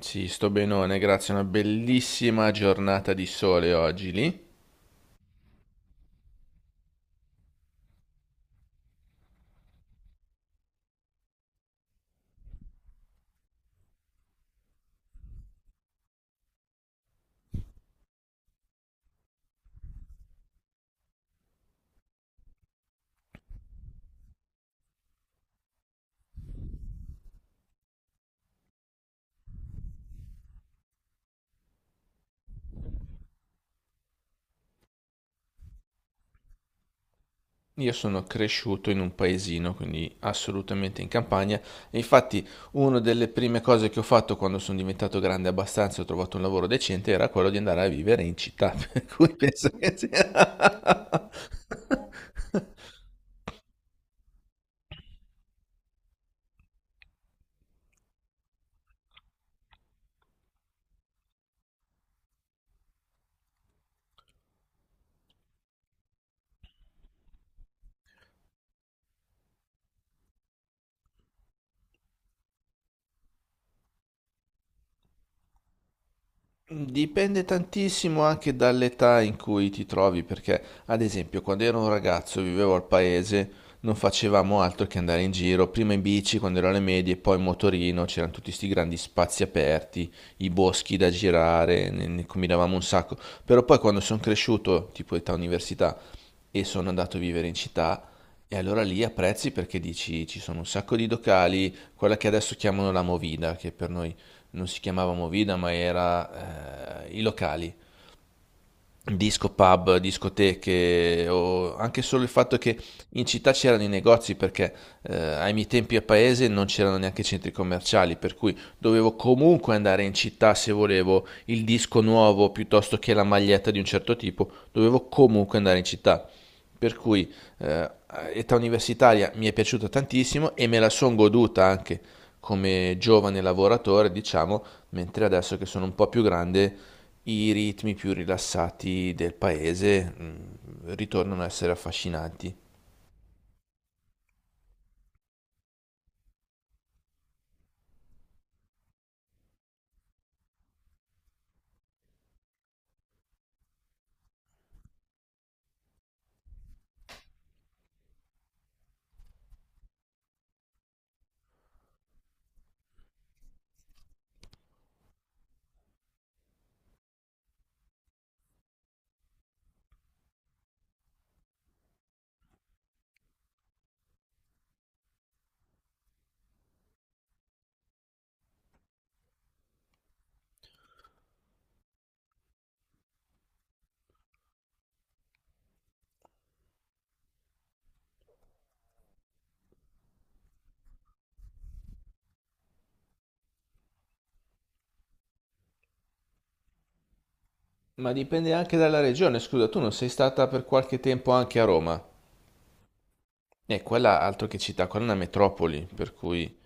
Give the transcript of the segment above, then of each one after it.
Sì, sto benone, grazie a una bellissima giornata di sole oggi lì. Io sono cresciuto in un paesino, quindi assolutamente in campagna. E infatti, una delle prime cose che ho fatto quando sono diventato grande abbastanza e ho trovato un lavoro decente era quello di andare a vivere in città. Per cui penso che sia. Dipende tantissimo anche dall'età in cui ti trovi, perché ad esempio quando ero un ragazzo e vivevo al paese non facevamo altro che andare in giro, prima in bici quando ero alle medie, poi in motorino, c'erano tutti questi grandi spazi aperti, i boschi da girare, ne combinavamo un sacco, però poi quando sono cresciuto, tipo età università, e sono andato a vivere in città e allora lì apprezzi perché dici ci sono un sacco di locali, quella che adesso chiamano la movida, che per noi non si chiamava movida ma era i locali. Disco pub, discoteche, o anche solo il fatto che in città c'erano i negozi perché ai miei tempi a paese non c'erano neanche centri commerciali, per cui dovevo comunque andare in città se volevo il disco nuovo piuttosto che la maglietta di un certo tipo, dovevo comunque andare in città. Per cui eh, età universitaria mi è piaciuta tantissimo e me la sono goduta anche come giovane lavoratore, diciamo, mentre adesso che sono un po' più grande i ritmi più rilassati del paese ritornano a essere affascinanti. Ma dipende anche dalla regione, scusa, tu non sei stata per qualche tempo anche a Roma? E quella altro che città, quella è una metropoli, per cui.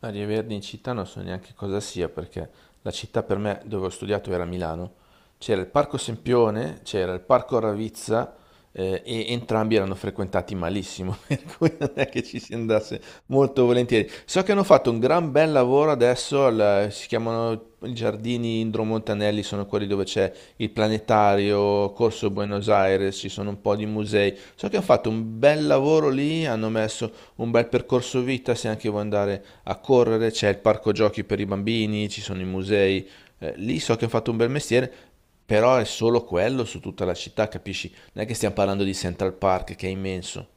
No, di Verdi in città non so neanche cosa sia, perché la città per me dove ho studiato era Milano. C'era il Parco Sempione, c'era il Parco Ravizza, e entrambi erano frequentati malissimo, per cui non è che ci si andasse molto volentieri. So che hanno fatto un gran bel lavoro adesso, si chiamano i Giardini Indro Montanelli, sono quelli dove c'è il planetario, Corso Buenos Aires, ci sono un po' di musei. So che hanno fatto un bel lavoro lì, hanno messo un bel percorso vita, se anche vuoi andare a correre, c'è il parco giochi per i bambini, ci sono i musei. Lì so che hanno fatto un bel mestiere, però è solo quello su tutta la città, capisci? Non è che stiamo parlando di Central Park che è immenso.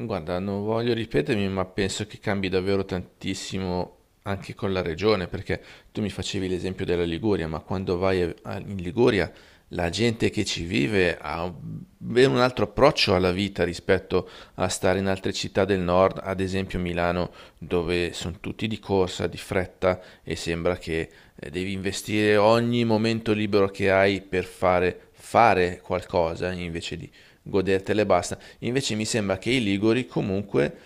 Guarda, non voglio ripetermi, ma penso che cambi davvero tantissimo anche con la regione, perché tu mi facevi l'esempio della Liguria, ma quando vai in Liguria la gente che ci vive ben un altro approccio alla vita rispetto a stare in altre città del nord, ad esempio Milano, dove sono tutti di corsa, di fretta e sembra che devi investire ogni momento libero che hai per fare, fare qualcosa invece di godertele e basta. Invece mi sembra che i liguri comunque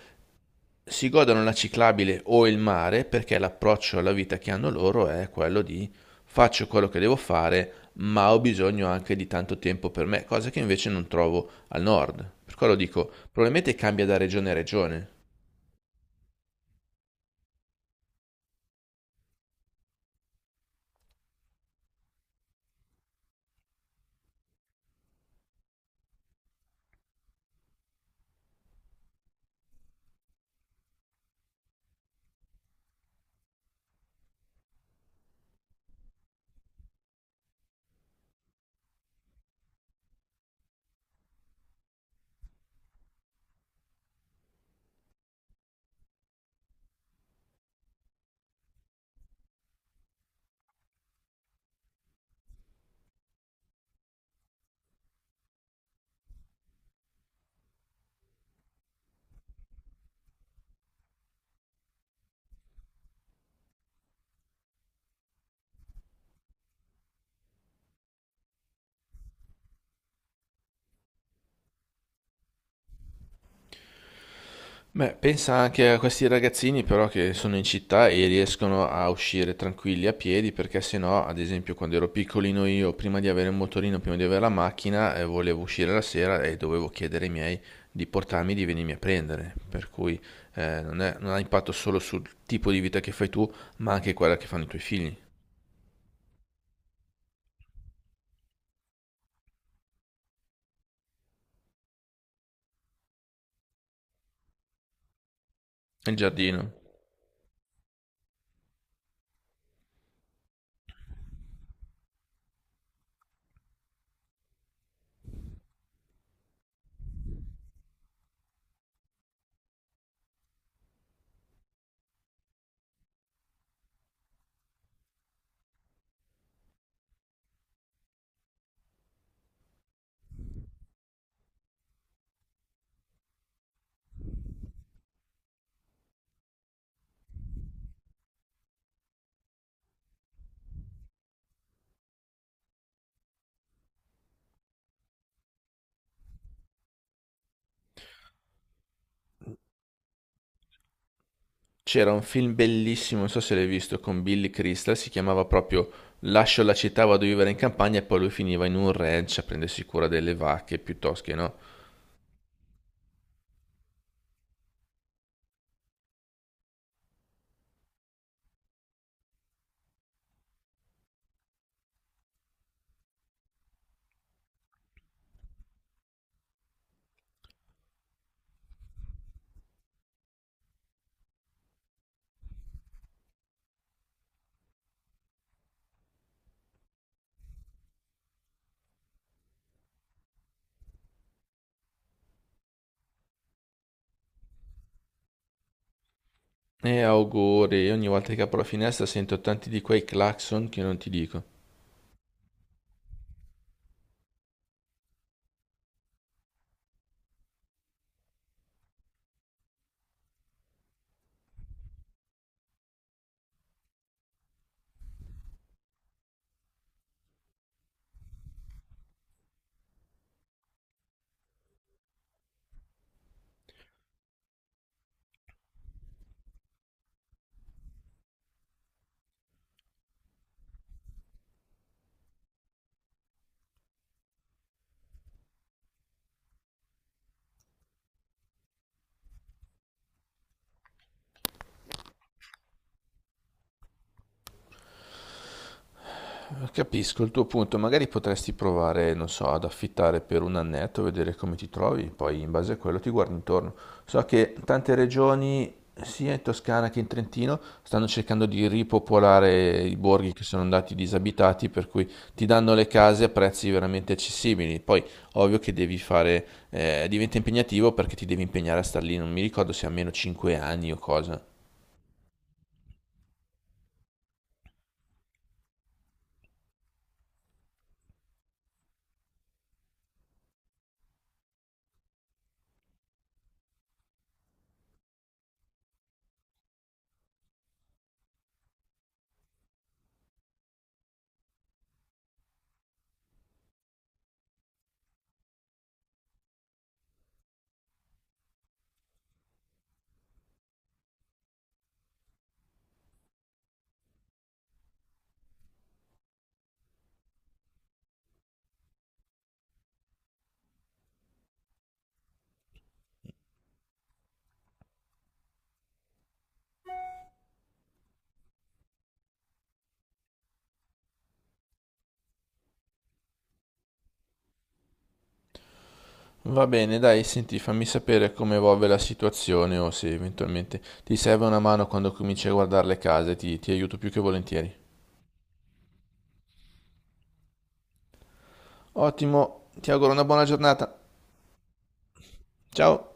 si godano la ciclabile o il mare perché l'approccio alla vita che hanno loro è quello di faccio quello che devo fare, ma ho bisogno anche di tanto tempo per me, cosa che invece non trovo al nord. Per quello dico, probabilmente cambia da regione a regione. Beh, pensa anche a questi ragazzini però che sono in città e riescono a uscire tranquilli a piedi perché se no, ad esempio, quando ero piccolino io, prima di avere il motorino, prima di avere la macchina, volevo uscire la sera e dovevo chiedere ai miei di portarmi, di venirmi a prendere. Per cui non è- non ha impatto solo sul tipo di vita che fai tu, ma anche quella che fanno i tuoi figli. E il giardino. C'era un film bellissimo, non so se l'hai visto, con Billy Crystal, si chiamava proprio Lascio la città, vado a vivere in campagna e poi lui finiva in un ranch a prendersi cura delle vacche piuttosto che no. E auguri, ogni volta che apro la finestra sento tanti di quei clacson che non ti dico. Capisco il tuo punto, magari potresti provare, non so, ad affittare per un annetto, vedere come ti trovi, poi in base a quello ti guardi intorno. So che tante regioni, sia in Toscana che in Trentino, stanno cercando di ripopolare i borghi che sono andati disabitati, per cui ti danno le case a prezzi veramente accessibili. Poi, ovvio che devi fare, diventa impegnativo perché ti devi impegnare a star lì, non mi ricordo se a meno 5 anni o cosa. Va bene, dai, senti, fammi sapere come evolve la situazione o se eventualmente ti serve una mano quando cominci a guardare le case, ti aiuto più che volentieri. Ottimo, ti auguro una buona giornata. Ciao!